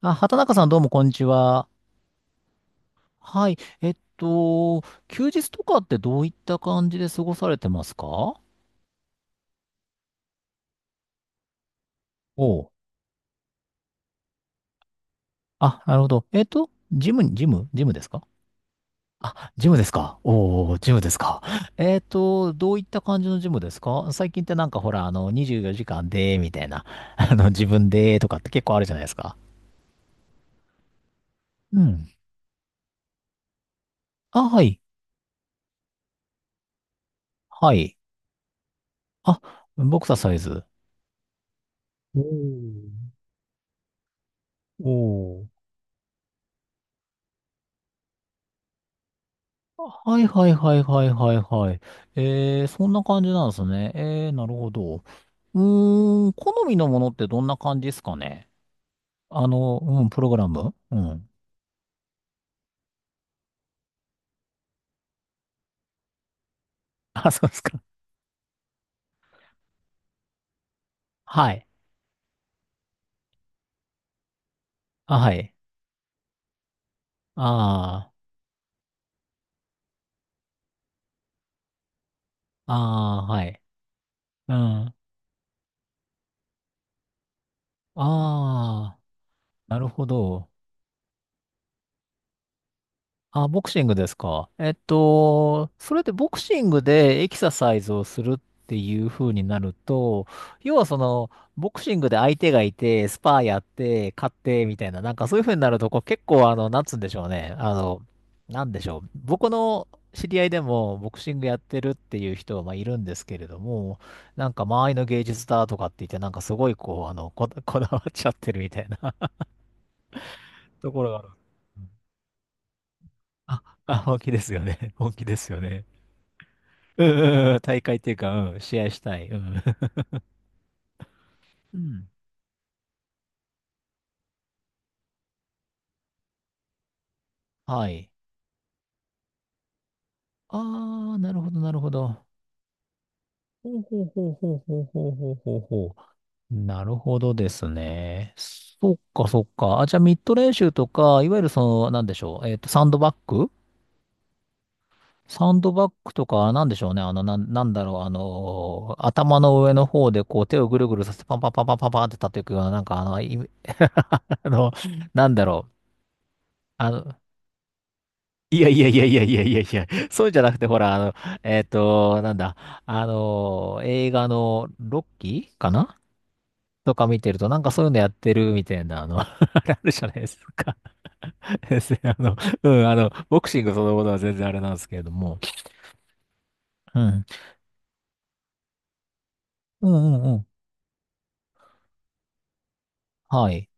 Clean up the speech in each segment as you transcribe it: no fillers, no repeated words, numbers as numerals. あ、畑中さんどうもこんにちは。はい。えっと、休日とかってどういった感じで過ごされてますか？おう。あ、なるほど。ジムに、ジムですか？あ、ジムですか、おー、ジムですか。どういった感じのジムですか？最近ってなんかほら、24時間で、みたいな、自分で、とかって結構あるじゃないですか。うん。あ、はい。はい。あ、ボクササイズ。おー、おー、はいはいはいはいはいはい。えー、そんな感じなんですね。えー、なるほど。うーん、好みのものってどんな感じですかね？うん、プログラム、うん。あ、そうですか。はい。あ、はい。ああ、ああ、はい。うん。ああ、なるほど。あ、ボクシングですか。それでボクシングでエキササイズをするっていう風になると、要はその、ボクシングで相手がいて、スパーやって、勝ってみたいな、なんかそういう風になると、こう結構なんつうんでしょうね。なんでしょう。僕の知り合いでもボクシングやってるっていう人はまあいるんですけれども、なんか周りの芸術だとかって言って、なんかすごいこう、こだわっちゃってるみたいなところがある。あ、あ、本気ですよね。本気ですよね。うんうんうん、大会っていうか、うん、試合したい。うん。うん。はい。あー、なるほど、なるほど。ほうほうほうほうほうほうほうほうほう。なるほどですね。そっか、そっか。あ、じゃあ、ミッド練習とか、いわゆるその、なんでしょう。グサンドバッグとか、なんでしょうね。なんだろう。頭の上の方で、こう、手をぐるぐるさせて、パンパンパンパンパンパンって叩くような、なんか、あの、なんだろう。あの、いやいやいやいやいやいやいや、そうじゃなくて、ほら、あの、えっと、なんだ、あの、映画のロッキーかなとか見てると、なんかそういうのやってるみたいな、あれあるじゃないですか。ですね、うん、ボクシングそのものは全然あれなんですけれども。うん。うんうんうん。はい。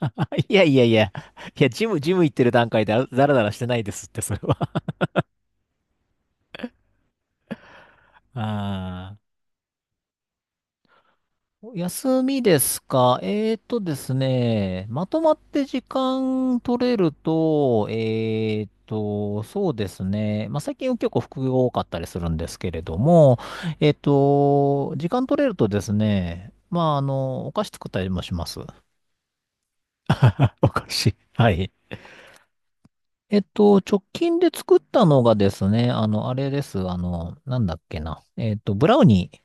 あ、いやいやいや、いや、ジム行ってる段階であラらラらしてないですって、それは。ああ。休みですか？えーとですね、まとまって時間取れると、そうですね。まあ、最近は結構副業多かったりするんですけれども、時間取れるとですね、まあ、お菓子作ったりもします。お菓子。はい。直近で作ったのがですね、あれです。あの、なんだっけな。えっと、ブラウニー。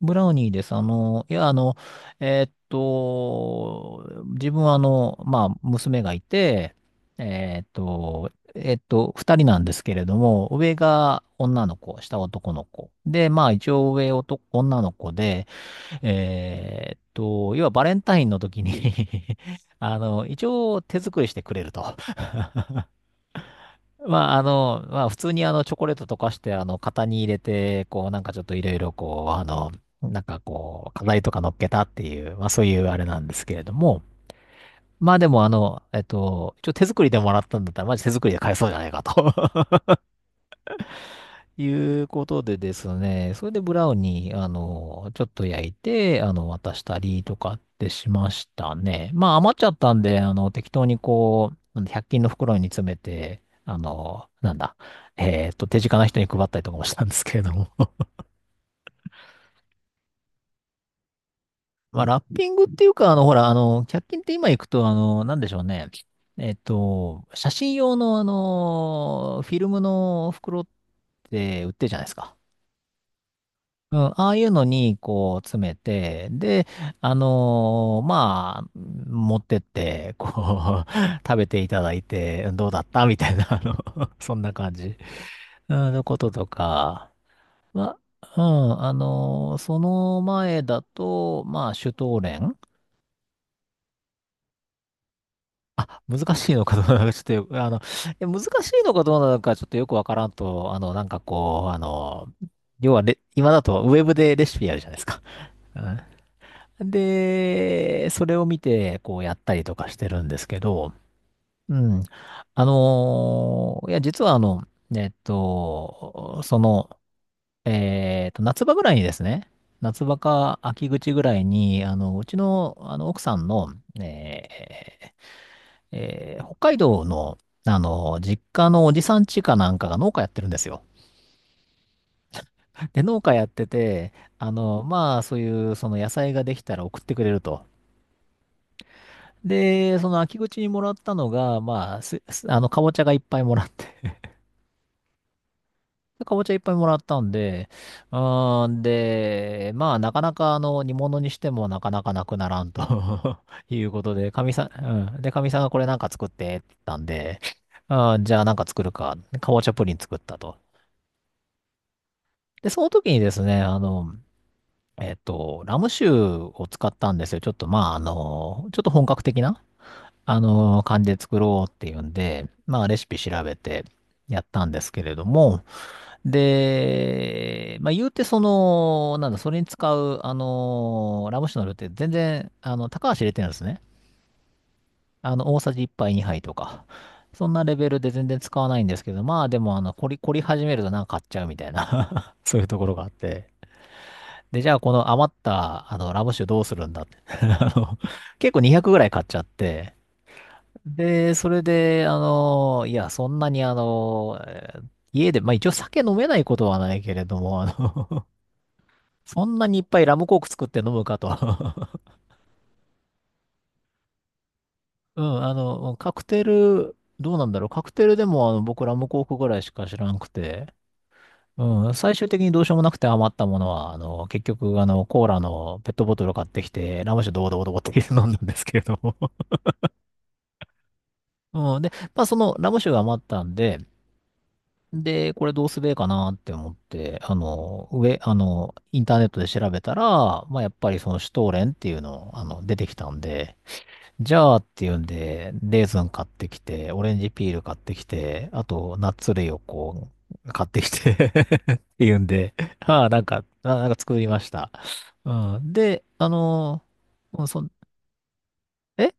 ブラウニーです。自分はまあ、娘がいて、二人なんですけれども、上が女の子、下男の子。で、まあ、一応上男、女の子で、要はバレンタインの時に 一応手作りしてくれると。まあ、まあ、普通にチョコレート溶かして、型に入れて、こう、なんかちょっといろいろ、なんかこう、飾りとか乗っけたっていう、まあ、そういうあれなんですけれども、まあでも、一応手作りでもらったんだったら、マジ手作りで買えそうじゃないかということでですね、それでブラウンに、ちょっと焼いて、渡したりとかってしましたね。まあ、余っちゃったんで、適当にこう、100均の袋に詰めて、あの、なんだ、えっと、手近な人に配ったりとかもしたんですけれども。まあ、ラッピングっていうか、ほら、100均って今行くと、なんでしょうね。写真用の、フィルムの袋って売ってるじゃないですか。うん、ああいうのに、こう、詰めて、で、まあ、持ってって、こう、食べていただいて、どうだったみたいな、そんな感じ、うん、のこととか、まあ、うん、その前だと、まあ、シュトーレン、難しいのかどうなのか、ちょっとよく、難しいのかどうなのか、ちょっとよくわからんと、要はレ、今だとウェブでレシピやるじゃないですか。うん。で、それを見て、こうやったりとかしてるんですけど、うん。いや、実はえっと、その、夏場ぐらいにですね、夏場か秋口ぐらいに、うちの、奥さんの、えー北海道の、実家のおじさん家かなんかが農家やってるんですよ。で、農家やってて、まあ、そういう、その野菜ができたら送ってくれると。で、その秋口にもらったのが、まあ、す、すあの、かぼちゃがいっぱいもらって、かぼちゃいっぱいもらったんで、うーん、で、まあ、なかなか、煮物にしてもなかなかなくならんと いうことで、かみさん、うん。で、かみさんがこれなんか作ってって言ったんで、あー、じゃあなんか作るか。かぼちゃプリン作ったと。で、その時にですね、ラム酒を使ったんですよ。ちょっと、まあ、ちょっと本格的な。感じで作ろうっていうんで、まあ、レシピ調べてやったんですけれども、で、まあ、言うてその、なんだ、それに使う、ラム酒の量って全然、高橋入れてるんですね。大さじ1杯2杯とか。そんなレベルで全然使わないんですけど、まあでも、凝り始めるとなんか買っちゃうみたいな そういうところがあって。で、じゃあこの余った、ラム酒どうするんだって 結構200ぐらい買っちゃって、で、それで、そんなに家で、まあ一応酒飲めないことはないけれども、そんなにいっぱいラムコーク作って飲むかと。うん、カクテル、どうなんだろう。カクテルでも僕ラムコークぐらいしか知らんくて、うん、最終的にどうしようもなくて余ったものは、結局、コーラのペットボトルを買ってきて、ラム酒ドボドボドボって飲んだんですけれども。うん、で、まあそのラム酒が余ったんで、で、これどうすべえかなって思って、あの、上、あの、インターネットで調べたら、まあ、やっぱりそのシュトーレンっていうの、出てきたんで、じゃあっていうんで、レーズン買ってきて、オレンジピール買ってきて、あと、ナッツ類を買ってきて っていうんで、ああ、なんか、なんか作りました。うん。で、あの、うんそん、え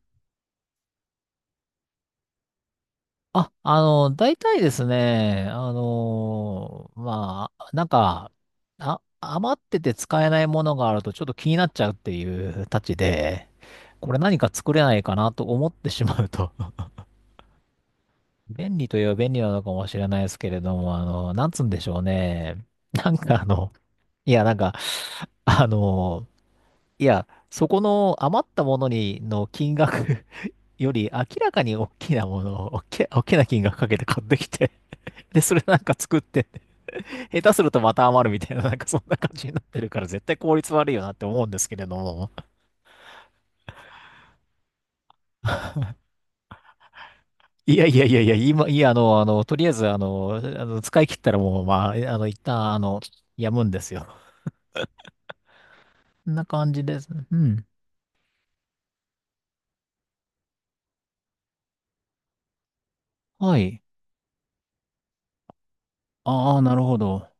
あ、あの、大体ですね、まあ、なんか、余ってて使えないものがあるとちょっと気になっちゃうっていうたちで、これ何か作れないかなと思ってしまうと 便利といえば便利なのかもしれないですけれども、なんつうんでしょうね。なんかあの、いや、なんか、あの、そこの余ったものにの金額 より明らかに大きなものを、大きな金額かけて買ってきてで、それなんか作って下手するとまた余るみたいな、なんかそんな感じになってるから、絶対効率悪いよなって思うんですけれども。いやいやいやいや、今、いや、あの、あの、とりあえず、使い切ったらもう、まあ、一旦、やむんですよ。こんな感じです。うん。はい。ああ、なるほど。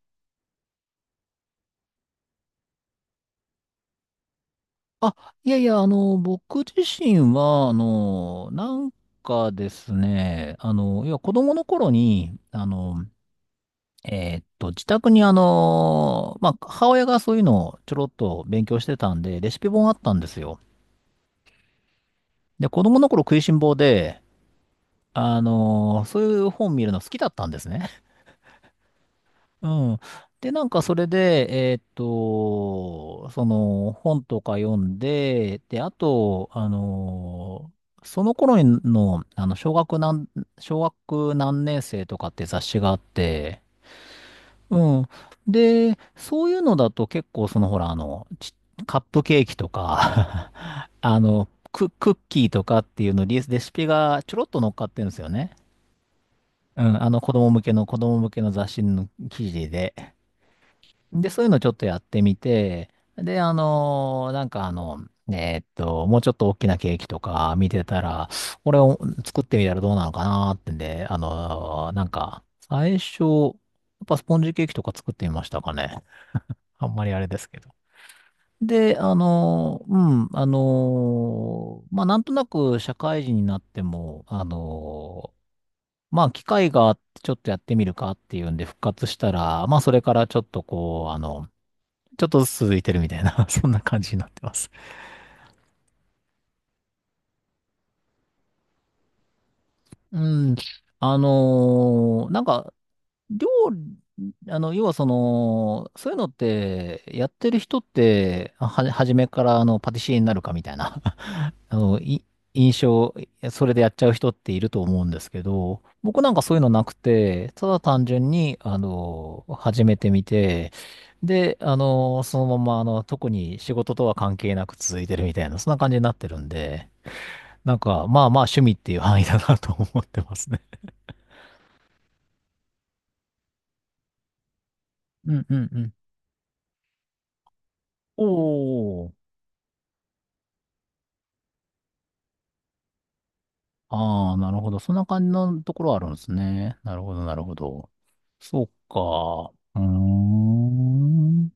あ、いやいや、僕自身は、なんかですね、要は子供の頃に、自宅にまあ、母親がそういうのをちょろっと勉強してたんで、レシピ本あったんですよ。で、子供の頃食いしん坊で、そういう本見るの好きだったんですね。うん。で、なんかそれで、その本とか読んで、で、あと、その頃の、小学何年生とかって雑誌があって、うん。で、そういうのだと結構そのほら、カップケーキとか クッキーとかっていうのリレシピがちょろっと乗っかってるんですよね。うん。あの子供向けの子供向けの雑誌の記事で。で、そういうのちょっとやってみて、で、もうちょっと大きなケーキとか見てたら、これを作ってみたらどうなのかなーってんで、最初、やっぱスポンジケーキとか作ってみましたかね。あんまりあれですけど。で、うん、まあ、なんとなく社会人になっても、まあ、機会があってちょっとやってみるかっていうんで復活したら、まあ、それからちょっとこう、ちょっとずつ続いてるみたいな、そんな感じになってます。うん、あの、なんか、料理、あの、要はその、そういうのって、やってる人って、初めからパティシエになるかみたいなあの、い、印象、それでやっちゃう人っていると思うんですけど、僕なんかそういうのなくて、ただ単純に、始めてみて、で、そのまま、特に仕事とは関係なく続いてるみたいな、そんな感じになってるんで、なんか、まあまあ趣味っていう範囲だなと思ってますね。うんうんうん。おー。ああ、なるほど。そんな感じのところあるんですね。なるほど、なるほど。そうか。うーん。